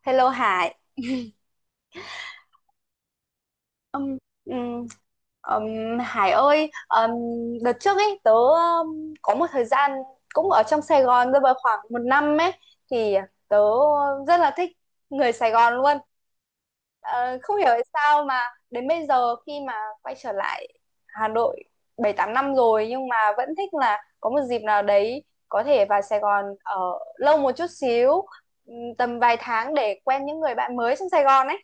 Hello Hải. Ừm, ừm, Hải ơi, đợt trước ấy tớ có một thời gian cũng ở trong Sài Gòn, rơi vào khoảng một năm ấy, thì tớ rất là thích người Sài Gòn luôn. Ờ, Không hiểu tại sao mà đến bây giờ khi mà quay trở lại Hà Nội 7-8 năm rồi nhưng mà vẫn thích là có một dịp nào đấy có thể vào Sài Gòn ở lâu một chút xíu, tầm vài tháng để quen những người bạn mới trong Sài Gòn ấy.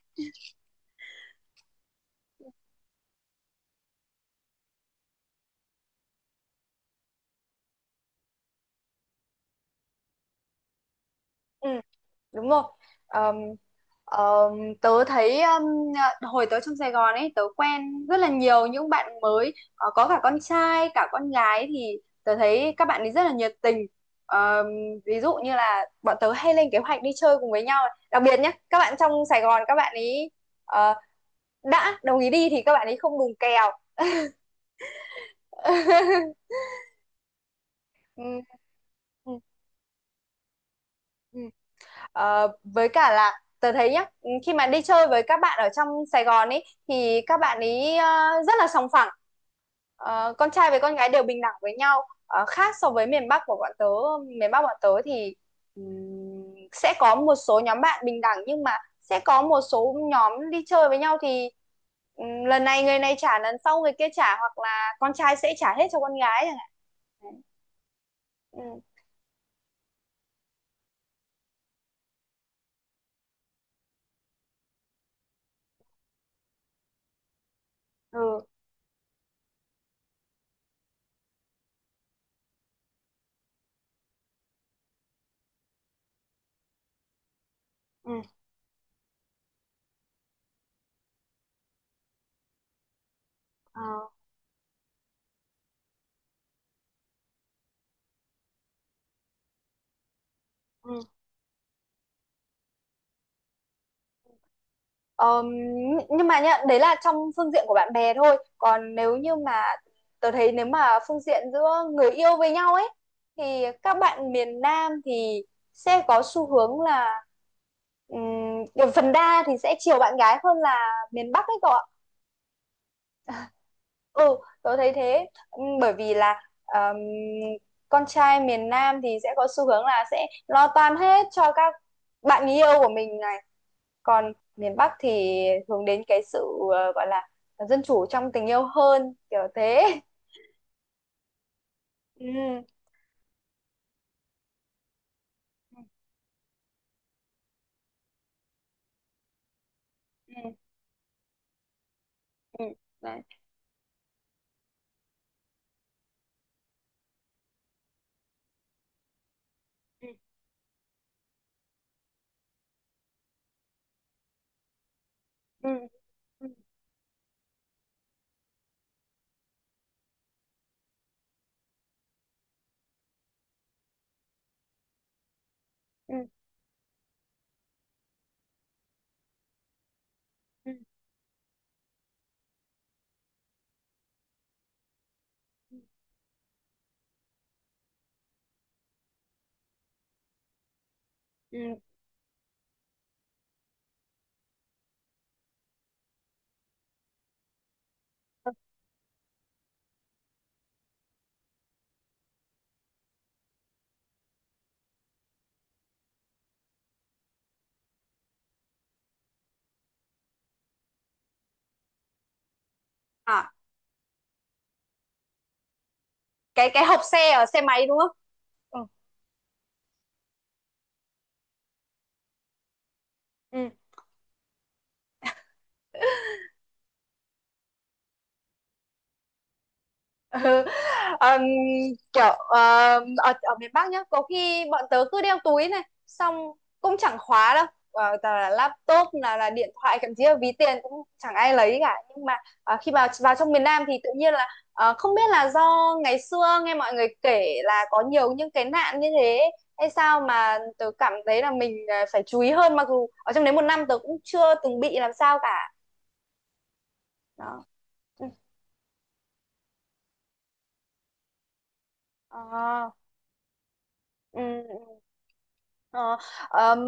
Ừ, đúng rồi. Ờm, ờm, Tớ thấy hồi tớ trong Sài Gòn ấy tớ quen rất là nhiều những bạn mới. Ờ, có cả con trai cả con gái thì tớ thấy các bạn ấy rất là nhiệt tình. Ờm, Ví dụ như là bọn tớ hay lên kế hoạch đi chơi cùng với nhau, đặc biệt nhé các bạn trong Sài Gòn, các bạn ấy ờ, đã đồng ý đi thì các bạn ấy không đùng kèo. Ừ, ừ, ừ. Với cả là tớ thấy nhá, khi mà đi chơi với các bạn ở trong Sài Gòn ấy thì các bạn ấy rất là sòng phẳng. Con trai với con gái đều bình đẳng với nhau, khác so với miền Bắc của bọn tớ. Miền Bắc bọn tớ thì ừm, sẽ có một số nhóm bạn bình đẳng, nhưng mà sẽ có một số nhóm đi chơi với nhau thì lần này người này trả, lần sau người kia trả, hoặc là con trai sẽ trả hết cho con gái chẳng hạn. Đấy. Ừ, ừ, ừ. Ờ. Ừ. Ờm, nhưng mà nhá, đấy là trong phương diện của bạn bè thôi. Còn nếu như mà tớ thấy, nếu mà phương diện giữa người yêu với nhau ấy, thì các bạn miền Nam thì sẽ có xu hướng là kiểu phần đa thì sẽ chiều bạn gái hơn là miền Bắc ấy cậu ạ. Ừ, tớ thấy thế. Bởi vì là con trai miền Nam thì sẽ có xu hướng là sẽ lo toan hết cho các bạn người yêu của mình này, còn miền Bắc thì hướng đến cái sự gọi là dân chủ trong tình yêu hơn, kiểu thế. Ừ. Ừ. Ừ. Đấy. Ừ ừ. Ừ. Ừ. Ừ. Ừ. Ừ. À, cái hộp xe ở xe máy đúng không? Ừ. Ừ. Ừ. Ờm, Kiểu ở miền Bắc nhá, có khi bọn tớ cứ đeo túi này xong cũng chẳng khóa đâu. Toàn là laptop, là điện thoại, thậm chí là ví tiền cũng chẳng ai lấy cả, nhưng mà khi vào vào trong miền Nam thì tự nhiên là không biết là do ngày xưa nghe mọi người kể là có nhiều những cái nạn như thế hay sao, mà tớ cảm thấy là mình phải chú ý hơn, mặc dù ở trong đấy một năm tớ cũng chưa từng bị làm sao cả. Đó. Ừ. Ờ. Ừ. Ờ. ờm,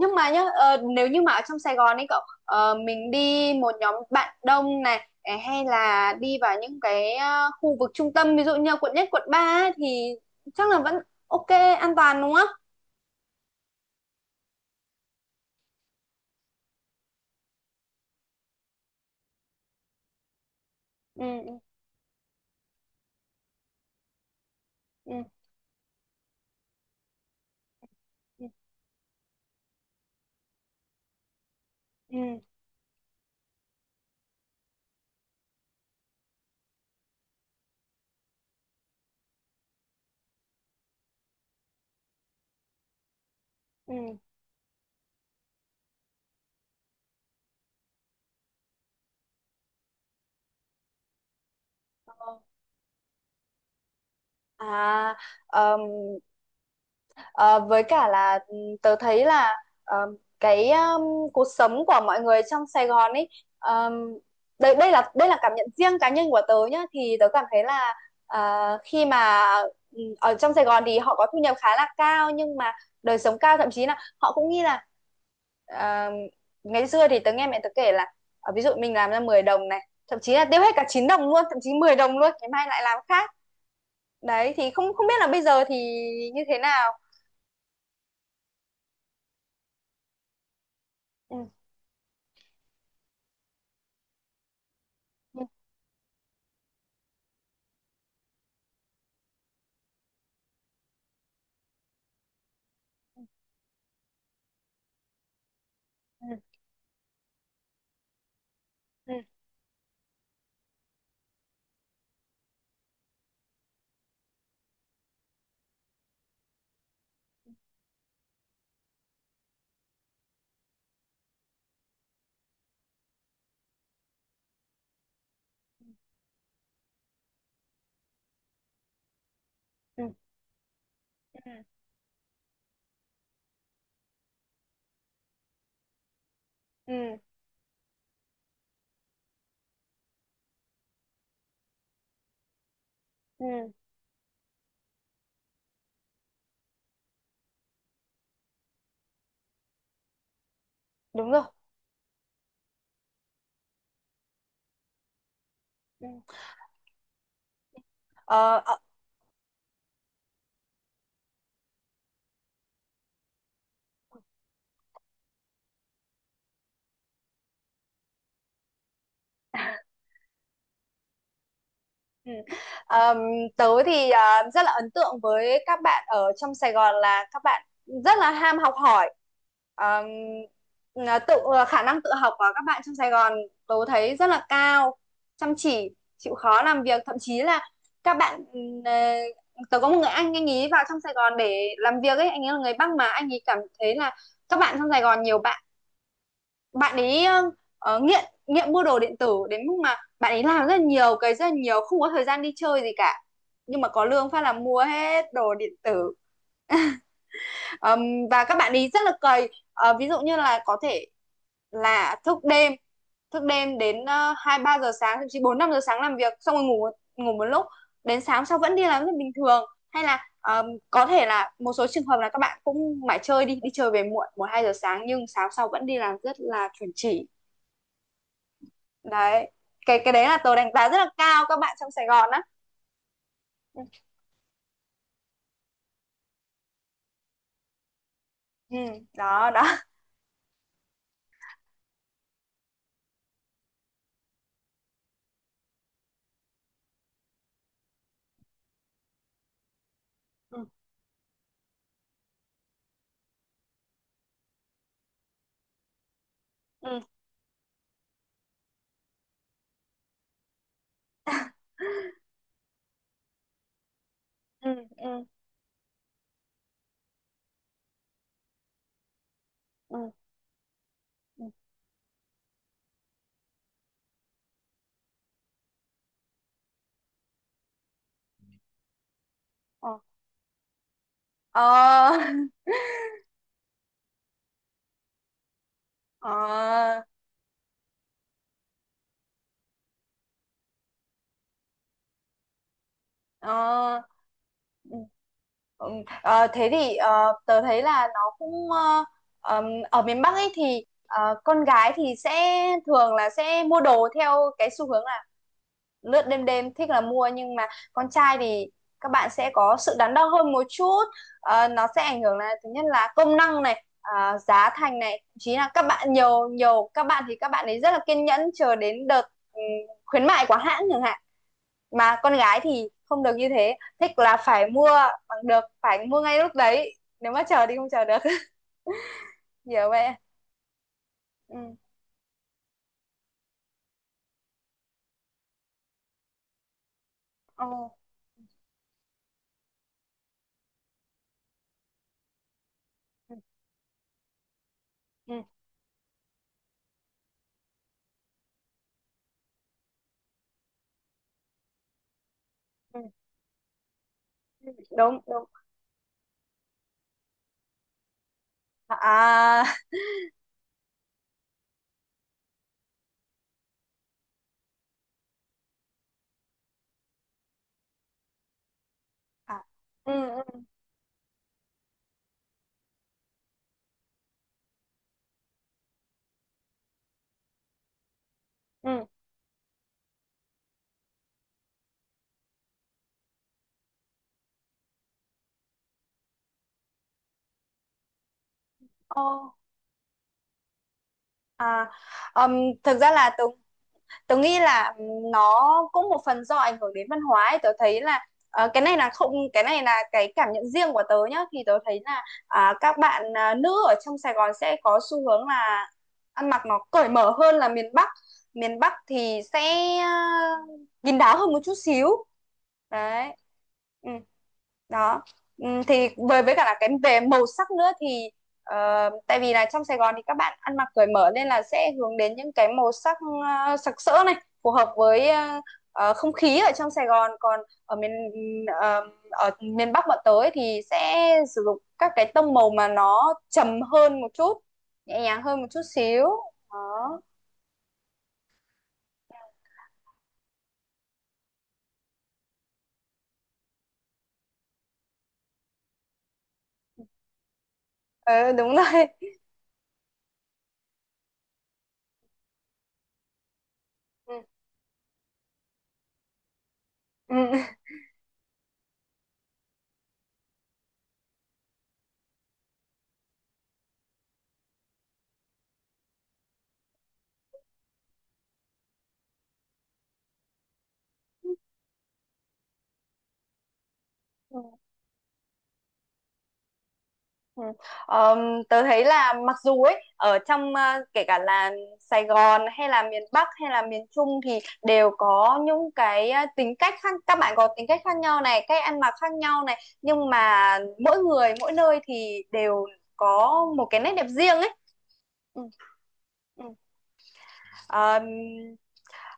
nhưng mà nhá, nếu như mà ở trong Sài Gòn ấy cậu, mình đi một nhóm bạn đông này, hay là đi vào những cái khu vực trung tâm, ví dụ như là Quận 1, Quận 3 ấy, thì chắc là vẫn ok, an toàn đúng không? Ừ, ừ, ừ, ừ, ừ. Ừ. Ờ. À. ờm, Ờ, với cả là tớ thấy là ờ, cái cuộc sống của mọi người trong Sài Gòn ấy, um, đây đây là cảm nhận riêng cá nhân của tớ nhá, thì tớ cảm thấy là khi mà ở trong Sài Gòn thì họ có thu nhập khá là cao, nhưng mà đời sống cao, thậm chí là họ cũng nghĩ là à, ngày xưa thì tớ nghe mẹ tớ kể là ví dụ mình làm ra 10 đồng này, thậm chí là tiêu hết cả 9 đồng luôn, thậm chí 10 đồng luôn, ngày mai lại làm khác. Đấy thì không không biết là bây giờ thì như thế nào. Ừ. Ừ, ừ, ừ, ừ, ừ. Ừ, đúng rồi. Ừ. Ờ. Ờ. Ừ. Ờm, Tớ thì rất là ấn tượng với các bạn ở trong Sài Gòn là các bạn rất là ham học hỏi. Ờm, là tự khả năng tự học của các bạn trong Sài Gòn tớ thấy rất là cao, chăm chỉ chịu khó làm việc, thậm chí là các bạn tớ có một người anh ấy vào trong Sài Gòn để làm việc ấy, anh ấy là người Bắc mà anh ấy cảm thấy là các bạn trong Sài Gòn nhiều bạn ấy nghiện nghiện mua đồ điện tử đến mức mà bạn ấy làm rất là nhiều cái, rất là nhiều, không có thời gian đi chơi gì cả, nhưng mà có lương phát là mua hết đồ điện tử. Ờm, và các bạn ấy rất là cày. Ờ, Ví dụ như là có thể là thức đêm, thức đêm đến 2-3 giờ sáng, thậm chí 4-5 giờ sáng làm việc xong rồi ngủ, một lúc đến sáng sau vẫn đi làm rất bình thường. Hay là có thể là một số trường hợp là các bạn cũng mải chơi, đi đi chơi về muộn 1-2 giờ sáng, nhưng sáng sau vẫn đi làm rất là chuẩn chỉ. Đấy. Cái đấy là tớ đánh giá rất là cao các bạn trong Sài Gòn á. Ừ. Ừ, đó đó. Ừ, ừ, ừ, ừ, ừ. Ừ. Ờ, ờ, ờ. Ờ. Ừ, thế thì tớ thấy là nó cũng ờm, ở miền Bắc ấy thì con gái thì sẽ thường là sẽ mua đồ theo cái xu hướng là lướt đêm, đêm thích là mua, nhưng mà con trai thì các bạn sẽ có sự đắn đo hơn một chút. Nó sẽ ảnh hưởng là thứ nhất là công năng này, giá thành này, thậm chí là các bạn nhiều nhiều các bạn thì các bạn ấy rất là kiên nhẫn chờ đến đợt ừ, khuyến mại của hãng chẳng hạn, mà con gái thì không được như thế, thích là phải mua bằng được, phải mua ngay lúc đấy, nếu mà chờ thì không chờ được. Hiểu vậy. Ừ. Ừ. Ừ. Ừ. Ừ. Ừ. Đúng đúng. À à. À. Ừ. Ừ. Ừ. Ồ. À. ừm, Thực ra là Tường, tớ nghĩ là nó cũng một phần do ảnh hưởng đến văn hóa ấy. Tớ thấy là cái này là không, cái này là cái cảm nhận riêng của tớ nhá, thì tớ thấy là các bạn nữ ở trong Sài Gòn sẽ có xu hướng là ăn mặc nó cởi mở hơn là miền Bắc. Miền Bắc thì sẽ à, kín đáo hơn một chút xíu. Đấy. Ừ. Đó. Thì với cả là cái về màu sắc nữa thì, Ờ, tại vì là trong Sài Gòn thì các bạn ăn mặc cởi mở nên là sẽ hướng đến những cái màu sắc sặc sỡ này, phù hợp với không khí ở trong Sài Gòn. Còn ở miền, ở miền Bắc bọn tới thì sẽ sử dụng các cái tông màu mà nó trầm hơn một chút, nhẹ nhàng hơn một chút xíu. Đó. Ờ, đúng rồi. Ừ. Ừ. Ừ. Ờm, Tớ thấy là, mặc dù ấy, ở trong kể cả là Sài Gòn hay là miền Bắc hay là miền Trung thì đều có những cái tính cách khác, các bạn có tính cách khác nhau này, cách ăn mặc khác nhau này, nhưng mà mỗi người mỗi nơi thì đều có một cái nét đẹp riêng ấy. Ừ. Ừ. Ờm,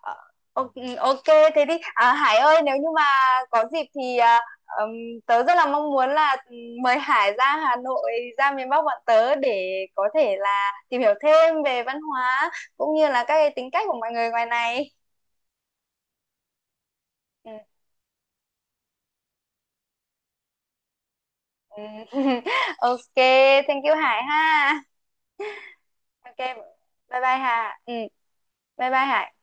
Ờ, ok, ok, thế thì Hải ơi, nếu như mà có dịp thì ừm, tớ rất là mong muốn là mời Hải ra Hà Nội, ra miền Bắc bọn tớ để có thể là tìm hiểu thêm về văn hóa cũng như là các cái tính cách của mọi người ngoài này. Ừ, ừ. Ok, thank you Hải ha. Ok, bye bye Hà, ừ, bye bye Hải.